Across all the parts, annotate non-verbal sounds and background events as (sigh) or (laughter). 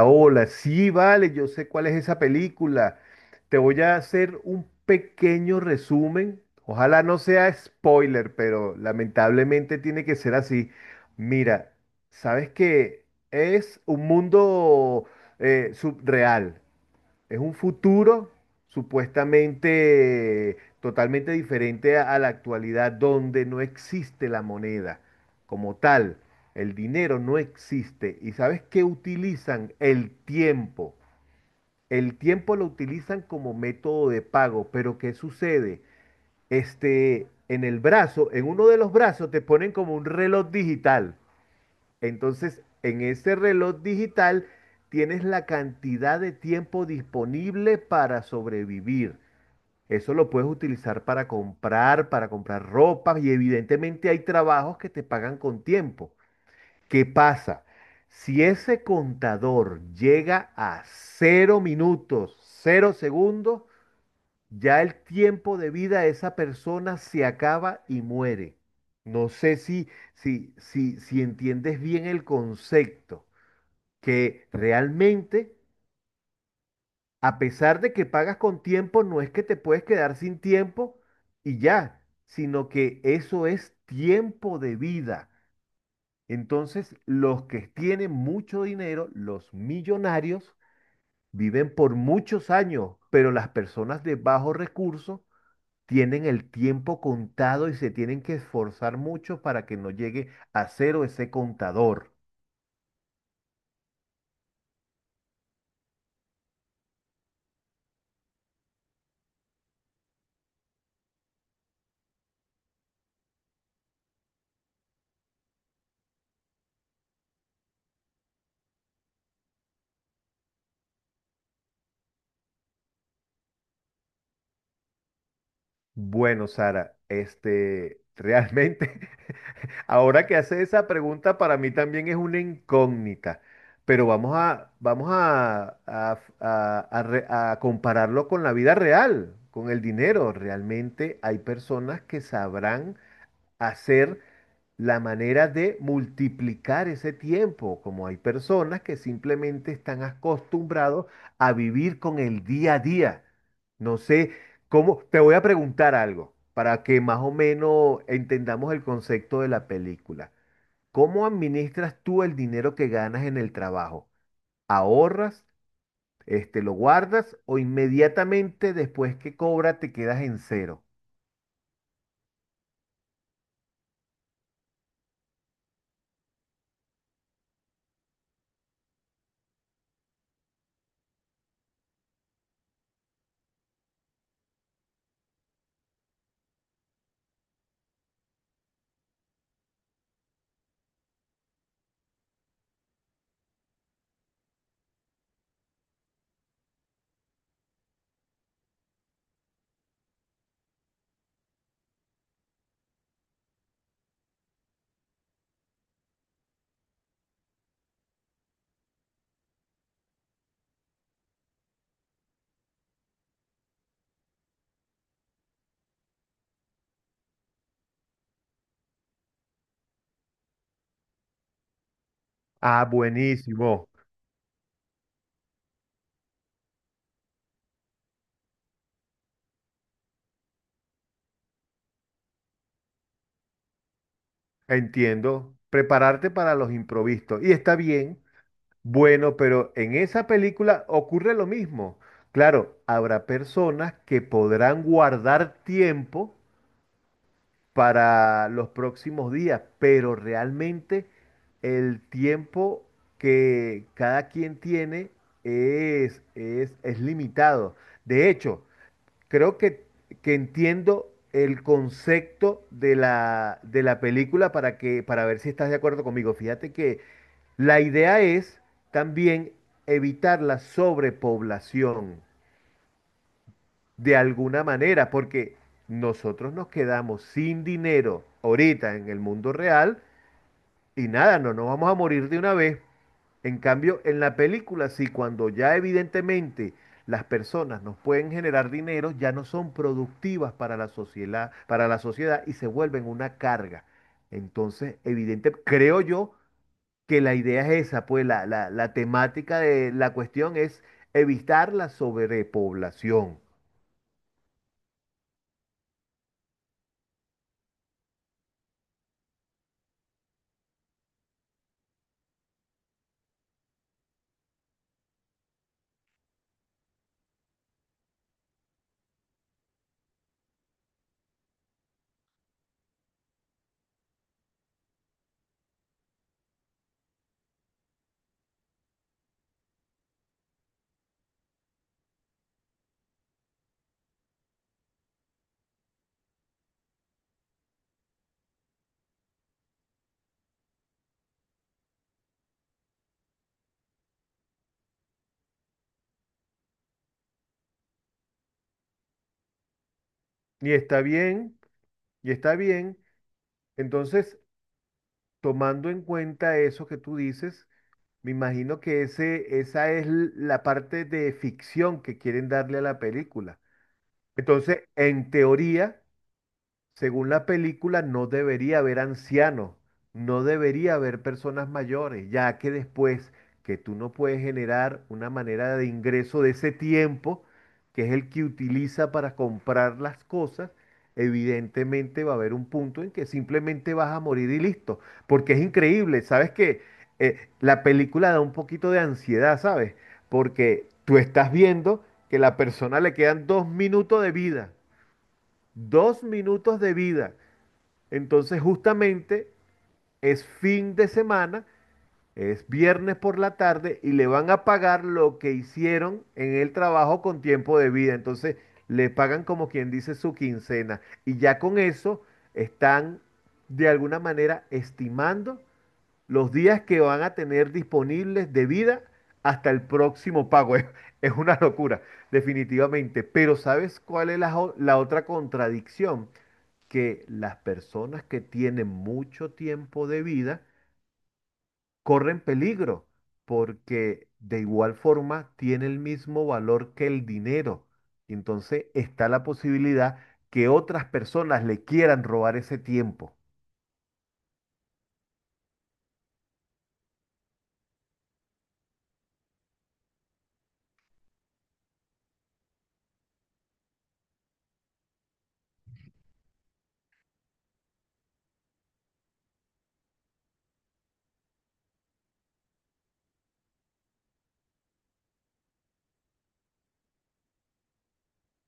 Hola, sí, vale, yo sé cuál es esa película. Te voy a hacer un pequeño resumen. Ojalá no sea spoiler, pero lamentablemente tiene que ser así. Mira, sabes que es un mundo subreal. Es un futuro supuestamente totalmente diferente a la actualidad, donde no existe la moneda como tal. El dinero no existe. ¿Y sabes qué utilizan? El tiempo. El tiempo lo utilizan como método de pago, pero ¿qué sucede? En el brazo, en uno de los brazos te ponen como un reloj digital. Entonces, en ese reloj digital tienes la cantidad de tiempo disponible para sobrevivir. Eso lo puedes utilizar para comprar ropa y evidentemente hay trabajos que te pagan con tiempo. ¿Qué pasa? Si ese contador llega a 0 minutos, 0 segundos, ya el tiempo de vida de esa persona se acaba y muere. No sé si entiendes bien el concepto, que realmente, a pesar de que pagas con tiempo, no es que te puedes quedar sin tiempo y ya, sino que eso es tiempo de vida. Entonces, los que tienen mucho dinero, los millonarios, viven por muchos años, pero las personas de bajo recursos tienen el tiempo contado y se tienen que esforzar mucho para que no llegue a cero ese contador. Bueno, Sara, realmente, (laughs) ahora que hace esa pregunta, para mí también es una incógnita, pero vamos a, vamos a re- a compararlo con la vida real, con el dinero. Realmente hay personas que sabrán hacer la manera de multiplicar ese tiempo, como hay personas que simplemente están acostumbrados a vivir con el día a día. No sé cómo, te voy a preguntar algo para que más o menos entendamos el concepto de la película. ¿Cómo administras tú el dinero que ganas en el trabajo? ¿Ahorras, lo guardas, o inmediatamente después que cobra te quedas en cero? Ah, buenísimo. Entiendo. Prepararte para los improvistos. Y está bien, bueno, pero en esa película ocurre lo mismo. Claro, habrá personas que podrán guardar tiempo para los próximos días, pero realmente el tiempo que cada quien tiene es limitado. De hecho, creo que entiendo el concepto de de la película, para que, para ver si estás de acuerdo conmigo. Fíjate que la idea es también evitar la sobrepoblación de alguna manera, porque nosotros nos quedamos sin dinero ahorita en el mundo real y nada, no nos vamos a morir de una vez. En cambio, en la película, sí, cuando ya evidentemente las personas nos pueden generar dinero, ya no son productivas para la sociedad, y se vuelven una carga. Entonces, evidente, creo yo que la idea es esa, pues la temática de la cuestión es evitar la sobrepoblación. Y está bien, y está bien. Entonces, tomando en cuenta eso que tú dices, me imagino que ese, esa es la parte de ficción que quieren darle a la película. Entonces, en teoría, según la película, no debería haber ancianos, no debería haber personas mayores, ya que después que tú no puedes generar una manera de ingreso de ese tiempo, que es el que utiliza para comprar las cosas, evidentemente va a haber un punto en que simplemente vas a morir y listo, porque es increíble, ¿sabes qué? La película da un poquito de ansiedad, ¿sabes? Porque tú estás viendo que la persona le quedan 2 minutos de vida, 2 minutos de vida. Entonces, justamente es fin de semana, es viernes por la tarde y le van a pagar lo que hicieron en el trabajo con tiempo de vida. Entonces, le pagan como quien dice su quincena. Y ya con eso están de alguna manera estimando los días que van a tener disponibles de vida hasta el próximo pago. (laughs) Es una locura, definitivamente. Pero ¿sabes cuál es la otra contradicción? Que las personas que tienen mucho tiempo de vida corren peligro, porque de igual forma tiene el mismo valor que el dinero. Entonces está la posibilidad que otras personas le quieran robar ese tiempo.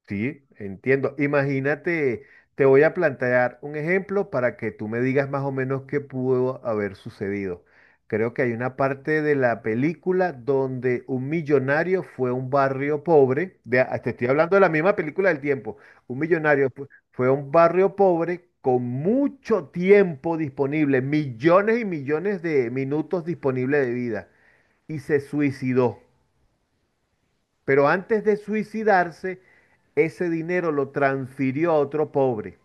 Sí, entiendo. Imagínate, te voy a plantear un ejemplo para que tú me digas más o menos qué pudo haber sucedido. Creo que hay una parte de la película donde un millonario fue a un barrio pobre, de, ah, te estoy hablando de la misma película del tiempo, un millonario fue a un barrio pobre con mucho tiempo disponible, millones y millones de minutos disponibles de vida, y se suicidó. Pero antes de suicidarse, ese dinero lo transfirió a otro pobre.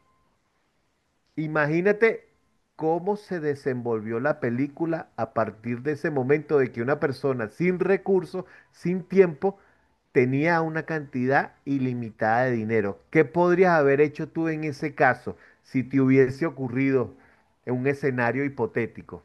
Imagínate cómo se desenvolvió la película a partir de ese momento, de que una persona sin recursos, sin tiempo, tenía una cantidad ilimitada de dinero. ¿Qué podrías haber hecho tú en ese caso si te hubiese ocurrido en un escenario hipotético?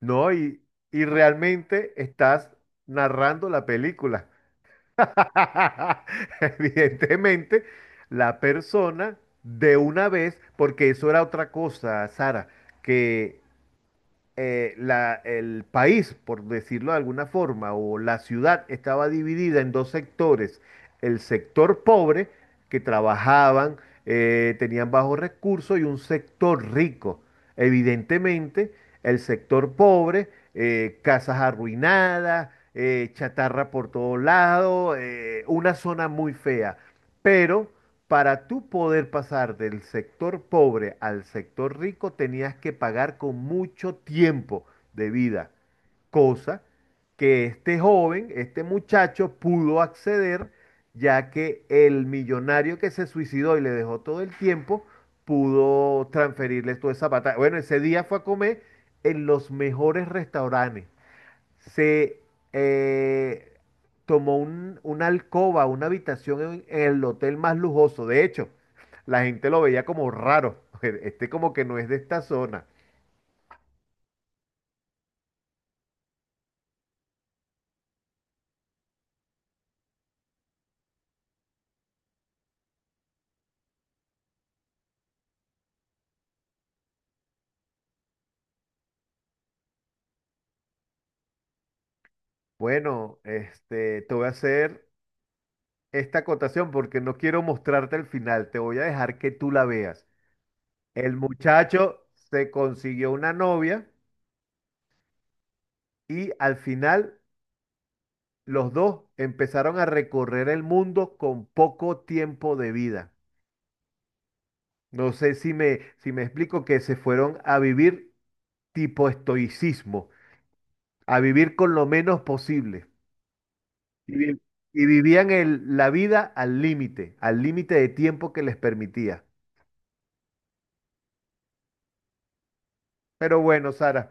No, y realmente estás narrando la película. (laughs) Evidentemente, la persona de una vez, porque eso era otra cosa, Sara, que el país, por decirlo de alguna forma, o la ciudad estaba dividida en dos sectores. El sector pobre, que trabajaban, tenían bajos recursos, y un sector rico. Evidentemente, el sector pobre, casas arruinadas, chatarra por todos lados, una zona muy fea. Pero para tú poder pasar del sector pobre al sector rico, tenías que pagar con mucho tiempo de vida, cosa que este joven, este muchacho pudo acceder, ya que el millonario que se suicidó y le dejó todo el tiempo, pudo transferirle toda esa batalla. Bueno, ese día fue a comer en los mejores restaurantes, se eh, tomó una alcoba, una habitación en, el hotel más lujoso. De hecho, la gente lo veía como raro. (laughs) Este como que no es de esta zona. Bueno, te voy a hacer esta acotación porque no quiero mostrarte el final. Te voy a dejar que tú la veas. El muchacho se consiguió una novia y al final los dos empezaron a recorrer el mundo con poco tiempo de vida. No sé si me, si me explico, que se fueron a vivir tipo estoicismo, a vivir con lo menos posible. Y, vi- y vivían la vida al límite de tiempo que les permitía. Pero bueno, Sara,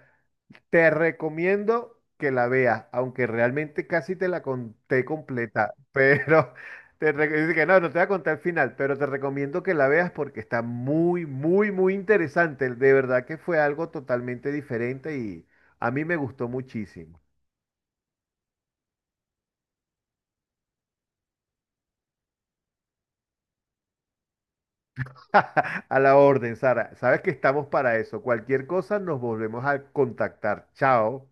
te recomiendo que la veas, aunque realmente casi te la conté completa, pero (laughs) dice que no, no te voy a contar el final, pero te recomiendo que la veas porque está muy, muy, muy interesante. De verdad que fue algo totalmente diferente y a mí me gustó muchísimo. (laughs) A la orden, Sara. Sabes que estamos para eso. Cualquier cosa nos volvemos a contactar. Chao.